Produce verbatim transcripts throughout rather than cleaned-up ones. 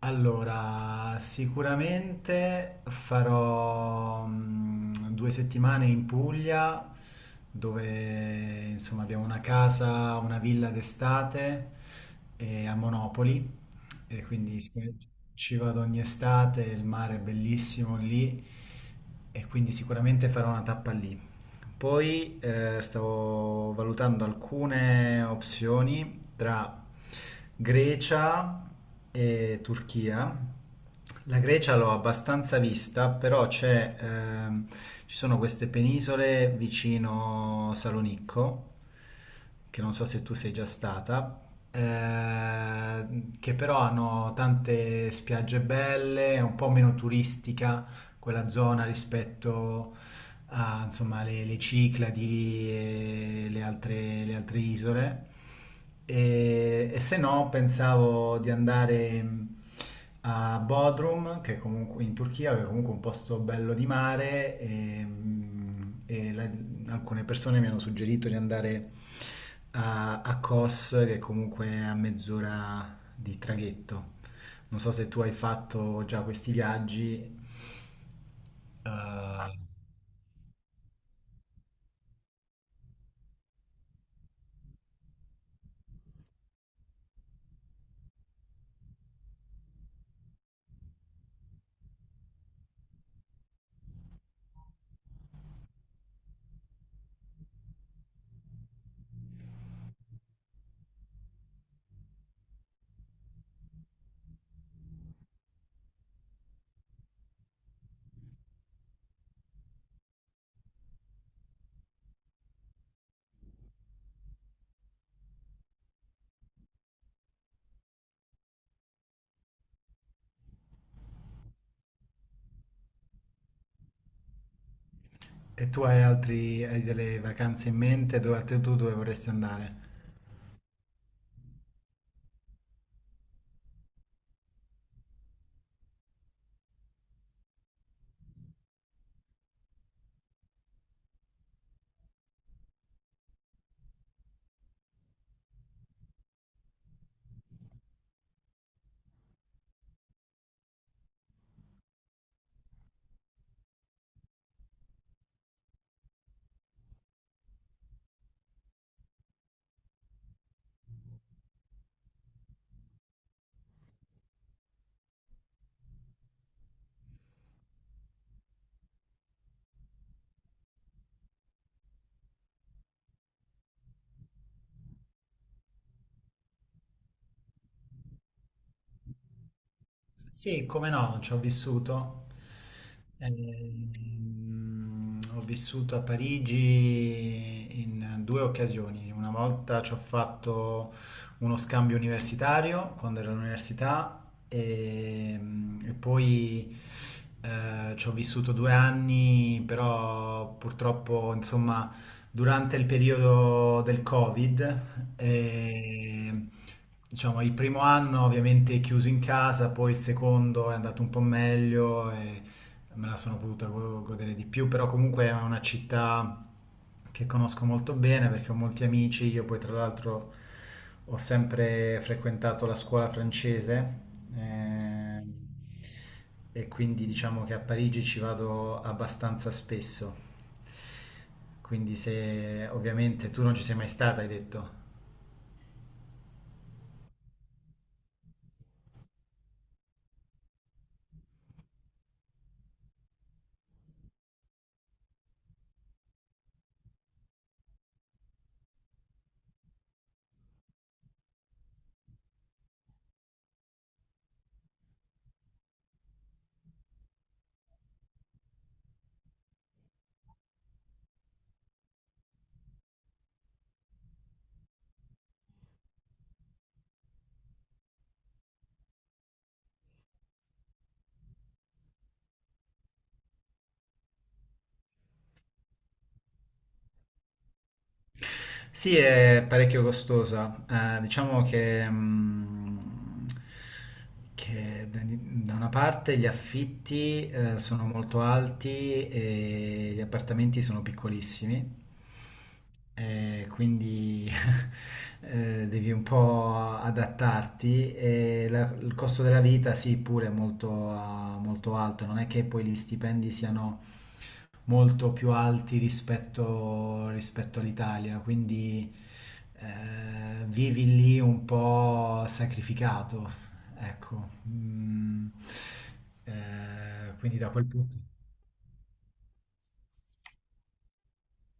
Allora, sicuramente farò mm, due settimane in Puglia, dove insomma abbiamo una casa, una villa d'estate, eh, a Monopoli, e quindi siccome ci vado ogni estate, il mare è bellissimo lì, e quindi sicuramente farò una tappa lì. Poi, eh, stavo valutando alcune opzioni tra Grecia e Turchia. La Grecia l'ho abbastanza vista, però, c'è, ehm, ci sono queste penisole vicino Salonicco, che non so se tu sei già stata, eh, che però hanno tante spiagge belle, è un po' meno turistica quella zona rispetto a, insomma, le, le Cicladi e le altre, le altre isole. E, e se no, pensavo di andare, mh, a Bodrum, che è comunque in Turchia, che è comunque un posto bello di mare. E, mh, e la- alcune persone mi hanno suggerito di andare a, a Kos, che è comunque a mezz'ora di traghetto. Non so se tu hai fatto già questi viaggi. eh, E tu hai altri, hai delle vacanze in mente? Dove, a te- tu dove vorresti andare? Sì, come no, ci ho vissuto. Ehm, ho vissuto a Parigi in due occasioni. Una volta ci ho fatto uno scambio universitario quando ero all'università e, e poi, eh, ci ho vissuto due anni, però purtroppo, insomma durante il periodo del Covid. E, diciamo, il primo anno ovviamente chiuso in casa, poi il secondo è andato un po' meglio. E me la sono potuta go- godere di più, però comunque è una città che conosco molto bene perché ho molti amici. Io poi tra l'altro ho sempre frequentato la scuola francese, ehm, e quindi diciamo che a Parigi ci vado abbastanza spesso. Quindi se ovviamente tu non ci sei mai stata, hai detto. Sì, è parecchio costosa. Eh, diciamo che, mm, che da da una parte gli affitti, eh, sono molto alti e gli appartamenti sono piccolissimi, eh, quindi eh, devi un po' adattarti. E la- il costo della vita, sì, pure è molto, ah, molto alto. Non è che poi gli stipendi siano molto più alti rispetto, rispetto all'Italia, quindi, eh, vivi lì un po' sacrificato, ecco. Mm, eh, quindi da quel punto.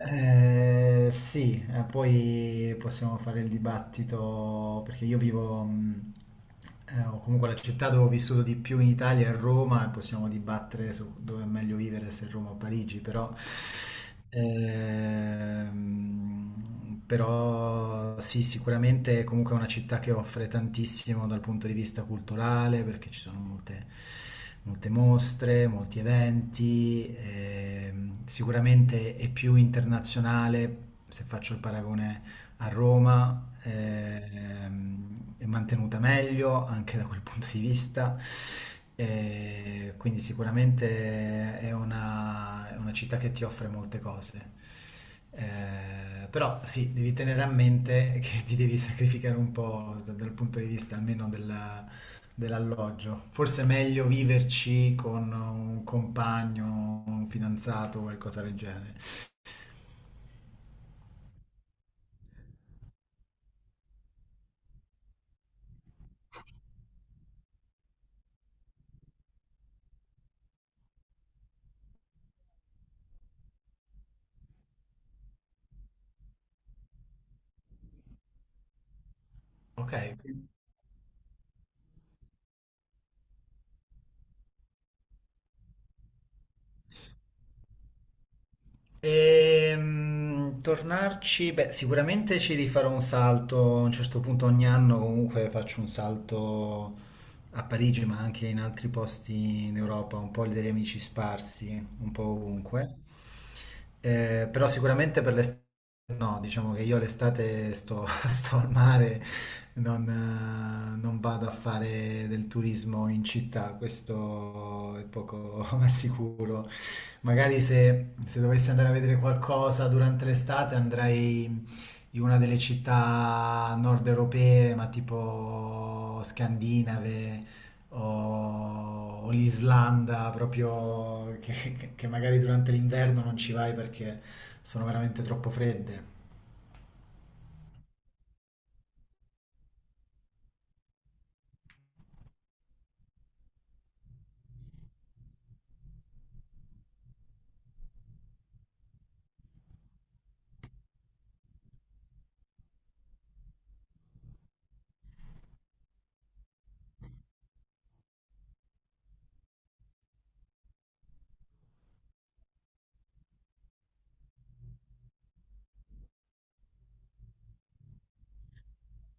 Eh, sì, eh, poi possiamo fare il dibattito perché io vivo, mh, eh, o comunque la città dove ho vissuto di più in Italia è Roma, e possiamo dibattere su dove è meglio vivere, se Roma o Parigi. Però, ehm, però sì, sicuramente comunque è una città che offre tantissimo dal punto di vista culturale, perché ci sono molte, molte mostre, molti eventi. Eh, ehm, sicuramente è più internazionale, se faccio il paragone a Roma. Ehm, è mantenuta meglio anche da quel punto di vista, e quindi sicuramente è una, è una città che ti offre molte cose. Eh, però sì, devi tenere a mente che ti devi sacrificare un po' da- dal punto di vista almeno della- dell'alloggio. Forse è meglio viverci con un compagno, un fidanzato o qualcosa del genere. Ok. Ehm, tornarci, beh, sicuramente ci rifarò un salto a un certo punto. Ogni anno comunque faccio un salto a Parigi, ma anche in altri posti in Europa, un po' degli amici sparsi, un po' ovunque. Eh, però sicuramente per l'estate no, diciamo che io l'estate sto, sto al mare, non, eh, non vado a fare del turismo in città, questo è poco ma sicuro. Magari se, se dovessi andare a vedere qualcosa durante l'estate, andrei in una delle città nord europee, ma tipo scandinave, o, o l'Islanda proprio, che, che magari durante l'inverno non ci vai perché sono veramente troppo fredde.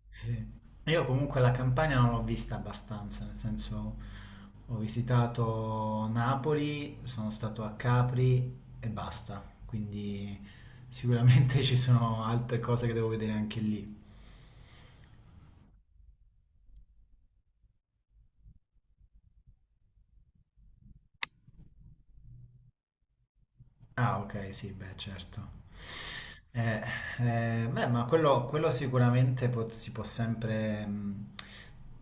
Sì. Io comunque la Campania non l'ho vista abbastanza, nel senso ho visitato Napoli, sono stato a Capri e basta, quindi sicuramente ci sono altre cose che devo vedere anche lì. Ah, ok, sì, beh, certo. Eh, eh, Beh, ma quello, quello sicuramente pot- si può sempre, mh,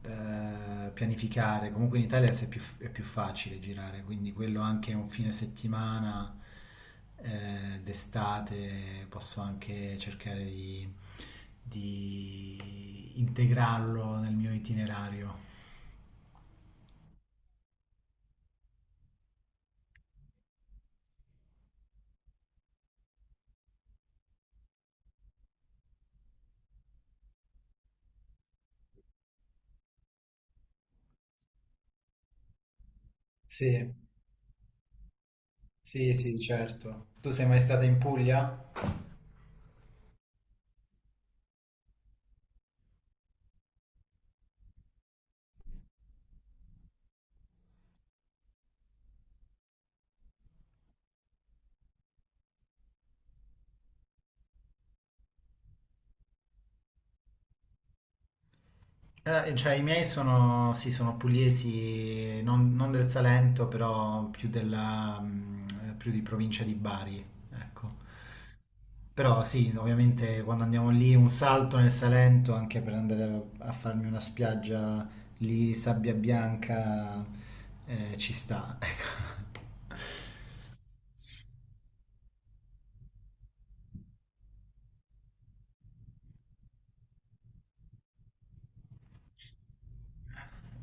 eh, pianificare. Comunque in Italia si è più, è più facile girare, quindi quello anche un fine settimana, eh, d'estate, posso anche cercare di, di integrarlo nel mio itinerario. Sì, sì, sì, certo. Tu sei mai stata in Puglia? Eh, cioè, i miei sono, sì, sono pugliesi, non, non del Salento, però più, della, mm, più di provincia di Bari, ecco. Però sì, ovviamente quando andiamo lì un salto nel Salento, anche per andare a farmi una spiaggia lì, sabbia bianca, eh, ci sta, ecco.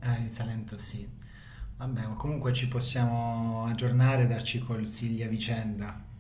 Eh, il Salento sì. Vabbè, ma comunque ci possiamo aggiornare e darci consigli a vicenda.